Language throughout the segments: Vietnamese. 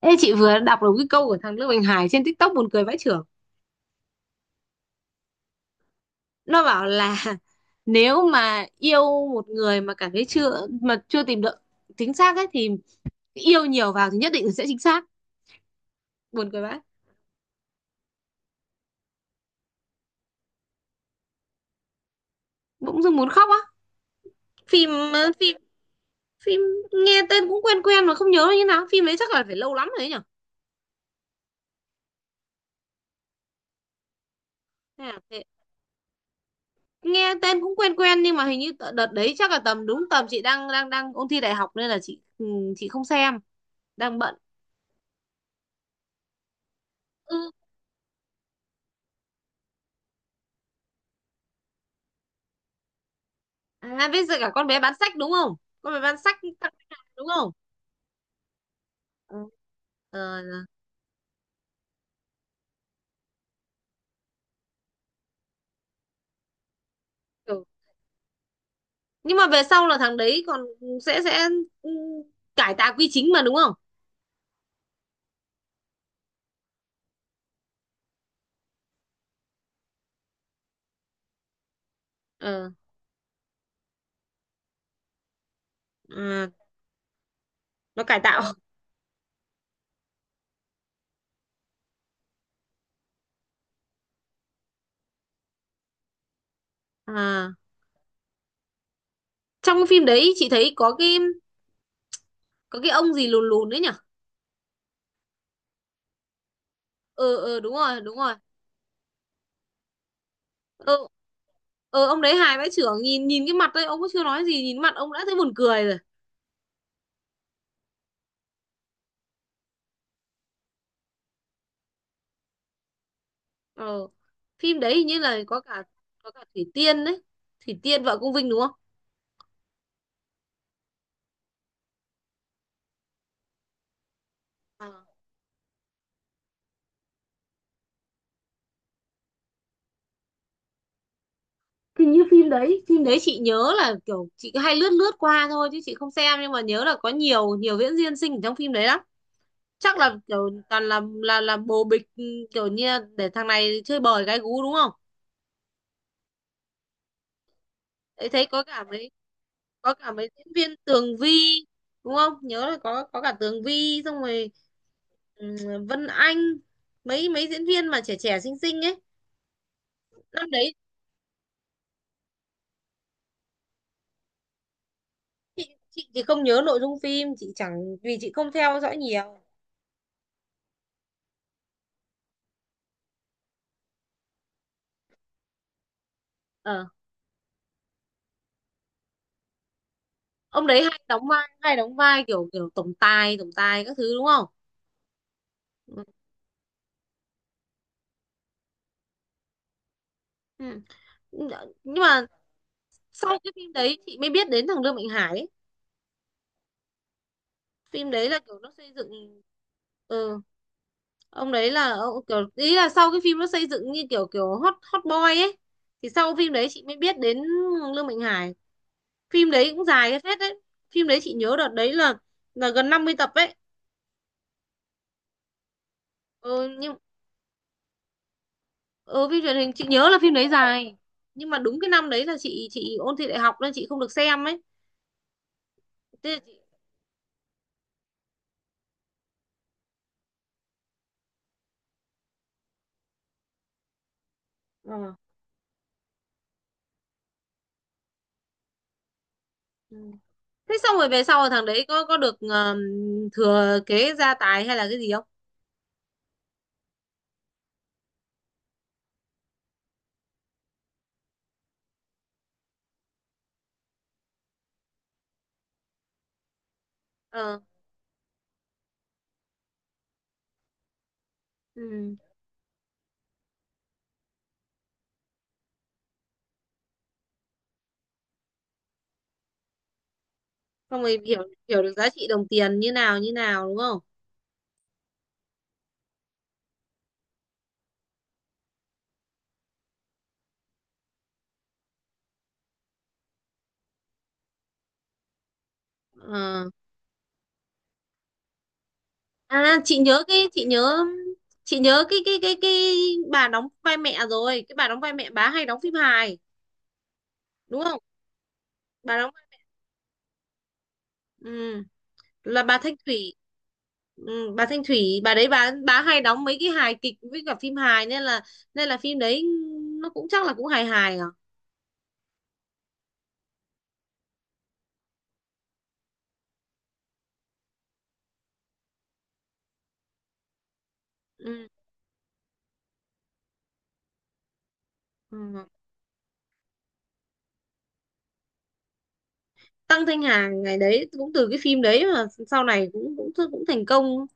Ê, chị vừa đọc được cái câu của thằng Lương bình Hải trên TikTok buồn cười vãi chưởng. Nó bảo là nếu mà yêu một người mà cảm thấy chưa tìm được chính xác ấy thì yêu nhiều vào thì nhất định sẽ chính xác. Buồn cười vãi. Bỗng dưng muốn khóc á. Phim ờ, phim phim nghe tên cũng quen quen mà không nhớ là như nào. Phim đấy chắc là phải lâu lắm rồi đấy nhở. Hay là thế- Nghe tên cũng quen quen nhưng mà hình như đợt đấy chắc là đúng tầm chị đang đang đang ôn thi đại học nên là chị không xem. Đang bận. À, bây giờ cả con bé bán sách đúng không? Con bé bán sách tặng khách hàng đúng không? Ừ. Ờ, kiểu- nhưng mà về sau là thằng đấy còn sẽ ừ, cải tạo quy chính mà đúng không? Ờ, à, nó cải tạo. À, trong cái phim đấy chị thấy có cái ông gì lùn lùn đấy nhỉ? Ờ ờ đúng rồi, đúng rồi. Ờ ông đấy hài vãi chưởng, nhìn nhìn cái mặt đấy ông cũng chưa nói gì, nhìn mặt ông đã thấy buồn cười rồi. Ờ. Phim đấy hình như là có cả Thủy Tiên đấy. Thủy Tiên vợ Công Vinh đúng không? Ờ. Thì như phim đấy chị nhớ là kiểu chị cứ hay lướt lướt qua thôi chứ chị không xem, nhưng mà nhớ là có nhiều nhiều diễn viên xinh ở trong phim đấy lắm. Chắc là kiểu toàn là bồ bịch, kiểu như là để thằng này chơi bời gái gú đúng không. Đấy, thấy có cả mấy diễn viên Tường Vi đúng không, nhớ là có cả Tường Vi xong rồi, ừ, Vân Anh, mấy mấy diễn viên mà trẻ trẻ xinh xinh ấy, năm đấy. Chị thì không nhớ nội dung phim, chị chẳng vì chị không theo dõi nhiều. Ờ. Ông đấy hay đóng vai kiểu kiểu tổng tài các thứ đúng không. Ừ. Ừ. Nhưng mà sau cái phim đấy chị mới biết đến thằng Lương Mạnh Hải ấy. Phim đấy là kiểu nó xây dựng. ừ ông đấy là ông kiểu, ý là sau cái phim nó xây dựng như kiểu kiểu hot hot boy ấy. Thì sau phim đấy chị mới biết đến Lương Mạnh Hải. Phim đấy cũng dài cái phết đấy. Phim đấy chị nhớ đợt đấy là gần 50 tập ấy. Ừ, nhưng ừ phim truyền hình chị nhớ là phim đấy dài. Nhưng mà đúng cái năm đấy là chị ôn thi đại học nên chị không được xem ấy. Thế là chị ờ, ừ. Thế xong rồi về sau rồi thằng đấy có được thừa kế gia tài hay là cái gì không. Ờ. Ừ. Xong rồi hiểu hiểu được giá trị đồng tiền như nào đúng không. Ờ. À, chị nhớ cái, chị nhớ cái bà đóng vai mẹ, rồi cái bà đóng vai mẹ bà hay đóng phim hài đúng không. Bà đóng, ừ là bà Thanh Thủy. Ừ, bà Thanh Thủy bà đấy, bà hay đóng mấy cái hài kịch với cả phim hài, nên là phim đấy nó cũng chắc là cũng hài hài à. Ừ. Ừ. Tăng Thanh Hà ngày đấy cũng từ cái phim đấy mà sau này cũng cũng cũng thành công,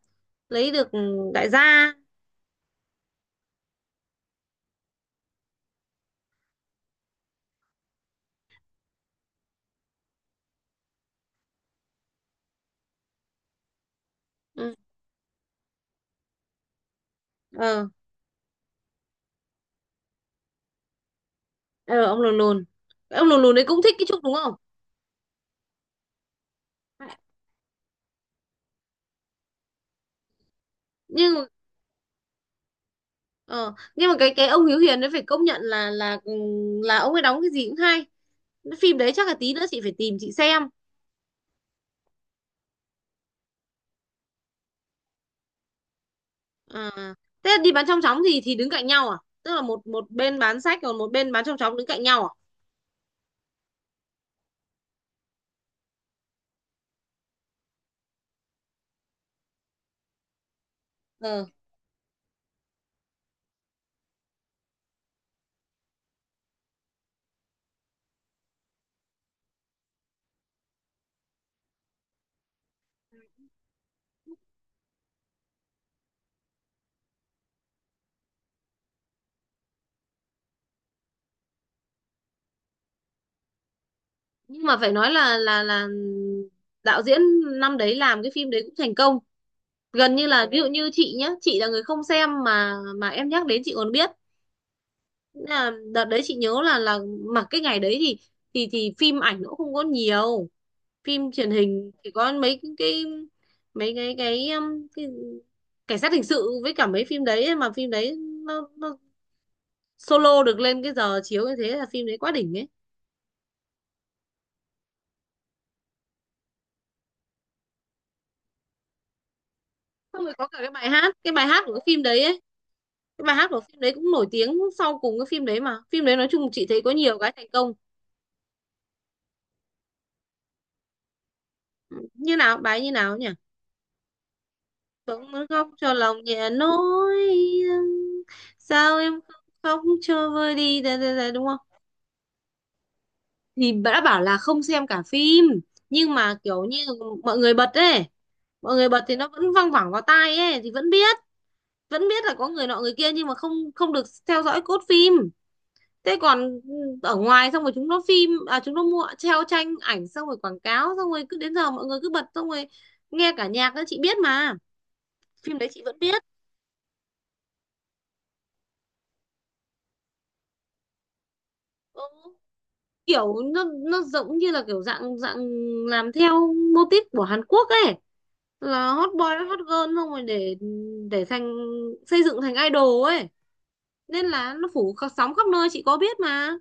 lấy được đại gia. Ừ. ờ ờ ông lùn lùn Cái ông lùn lùn đấy cũng thích cái Trúc đúng không. nhưng mà- ờ, nhưng mà cái ông Hiếu Hiền đấy phải công nhận là ông ấy đóng cái gì cũng hay. Cái phim đấy chắc là tí nữa chị phải tìm chị xem. À, thế đi bán trong chóng thì đứng cạnh nhau à? Tức là một một bên bán sách còn một bên bán trong chóng đứng cạnh nhau à? Ờ, nhưng mà phải nói là đạo diễn năm đấy làm cái phim đấy cũng thành công. Gần như là ví dụ như chị nhá, chị là người không xem mà em nhắc đến chị còn biết. Nên là đợt đấy chị nhớ là mà cái ngày đấy thì phim ảnh nó cũng không có nhiều, phim truyền hình chỉ có mấy cái, mấy cái cái, um, cái cảnh sát hình sự với cả mấy phim đấy ấy, mà phim đấy nó solo được lên cái giờ chiếu như thế là phim đấy quá đỉnh ấy. Xong rồi có cả cái bài hát của cái phim đấy ấy, cái bài hát của phim đấy cũng nổi tiếng sau cùng cái phim đấy, mà phim đấy nói chung chị thấy có nhiều cái thành công. Như nào bài như nào nhỉ? Bỗng muốn khóc cho lòng nhẹ nỗi thương. Sao em không khóc cho vơi đi da, da, da, đúng không. Thì đã bảo là không xem cả phim, nhưng mà kiểu như mọi người bật ấy, mọi người bật thì nó vẫn văng vẳng vào tai ấy thì vẫn biết, vẫn biết là có người nọ người kia nhưng mà không không được theo dõi cốt phim. Thế còn, ừ, ở ngoài xong rồi chúng nó mua treo tranh ảnh xong rồi quảng cáo xong rồi cứ đến giờ mọi người cứ bật xong rồi nghe cả nhạc đó chị biết mà. Phim đấy chị vẫn biết. Ừ. Kiểu nó giống như là kiểu dạng dạng làm theo mô típ của Hàn Quốc ấy, là hot boy hot girl xong rồi để xây dựng thành idol ấy. Nên là nó sóng khắp nơi chị có biết mà.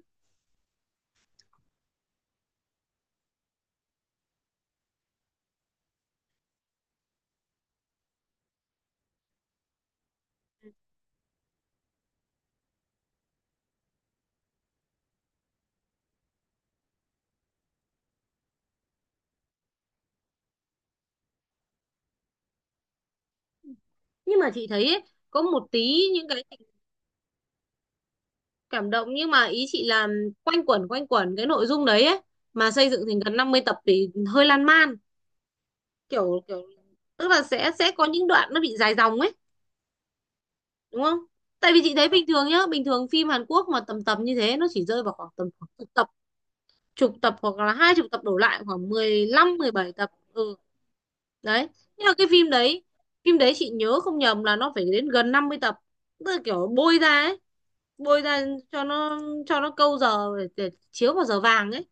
Nhưng mà chị thấy ấy, có một tí những cái cảm động, nhưng mà ý chị là quanh quẩn cái nội dung đấy ấy, mà xây dựng thành gần 50 tập thì hơi lan man. Kiểu kiểu tức là sẽ có những đoạn nó bị dài dòng ấy đúng không. Tại vì chị thấy bình thường nhá, bình thường phim Hàn Quốc mà tầm tầm như thế nó chỉ rơi vào khoảng chục tập hoặc là 20 tập đổ lại, khoảng 15 17 tập. Ừ. Đấy, nhưng mà cái phim đấy chị nhớ không nhầm là nó phải đến gần 50 tập, tức là kiểu bôi ra ấy, bôi ra cho nó câu giờ để chiếu vào giờ vàng ấy.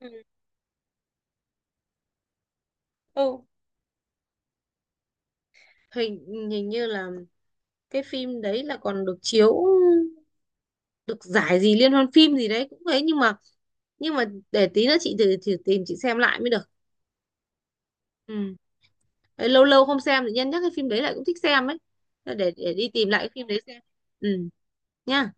Ừ. Ừ. hình hình như là cái phim đấy là còn được chiếu, được giải gì liên hoan phim gì đấy cũng thế, nhưng mà nhưng mà để tí nữa chị thử tìm chị xem lại mới được. Ừ. Đấy, lâu lâu không xem thì nhân nhắc cái phim đấy lại cũng thích xem ấy. Thế để đi tìm lại cái phim đấy xem. Ừ, nhá.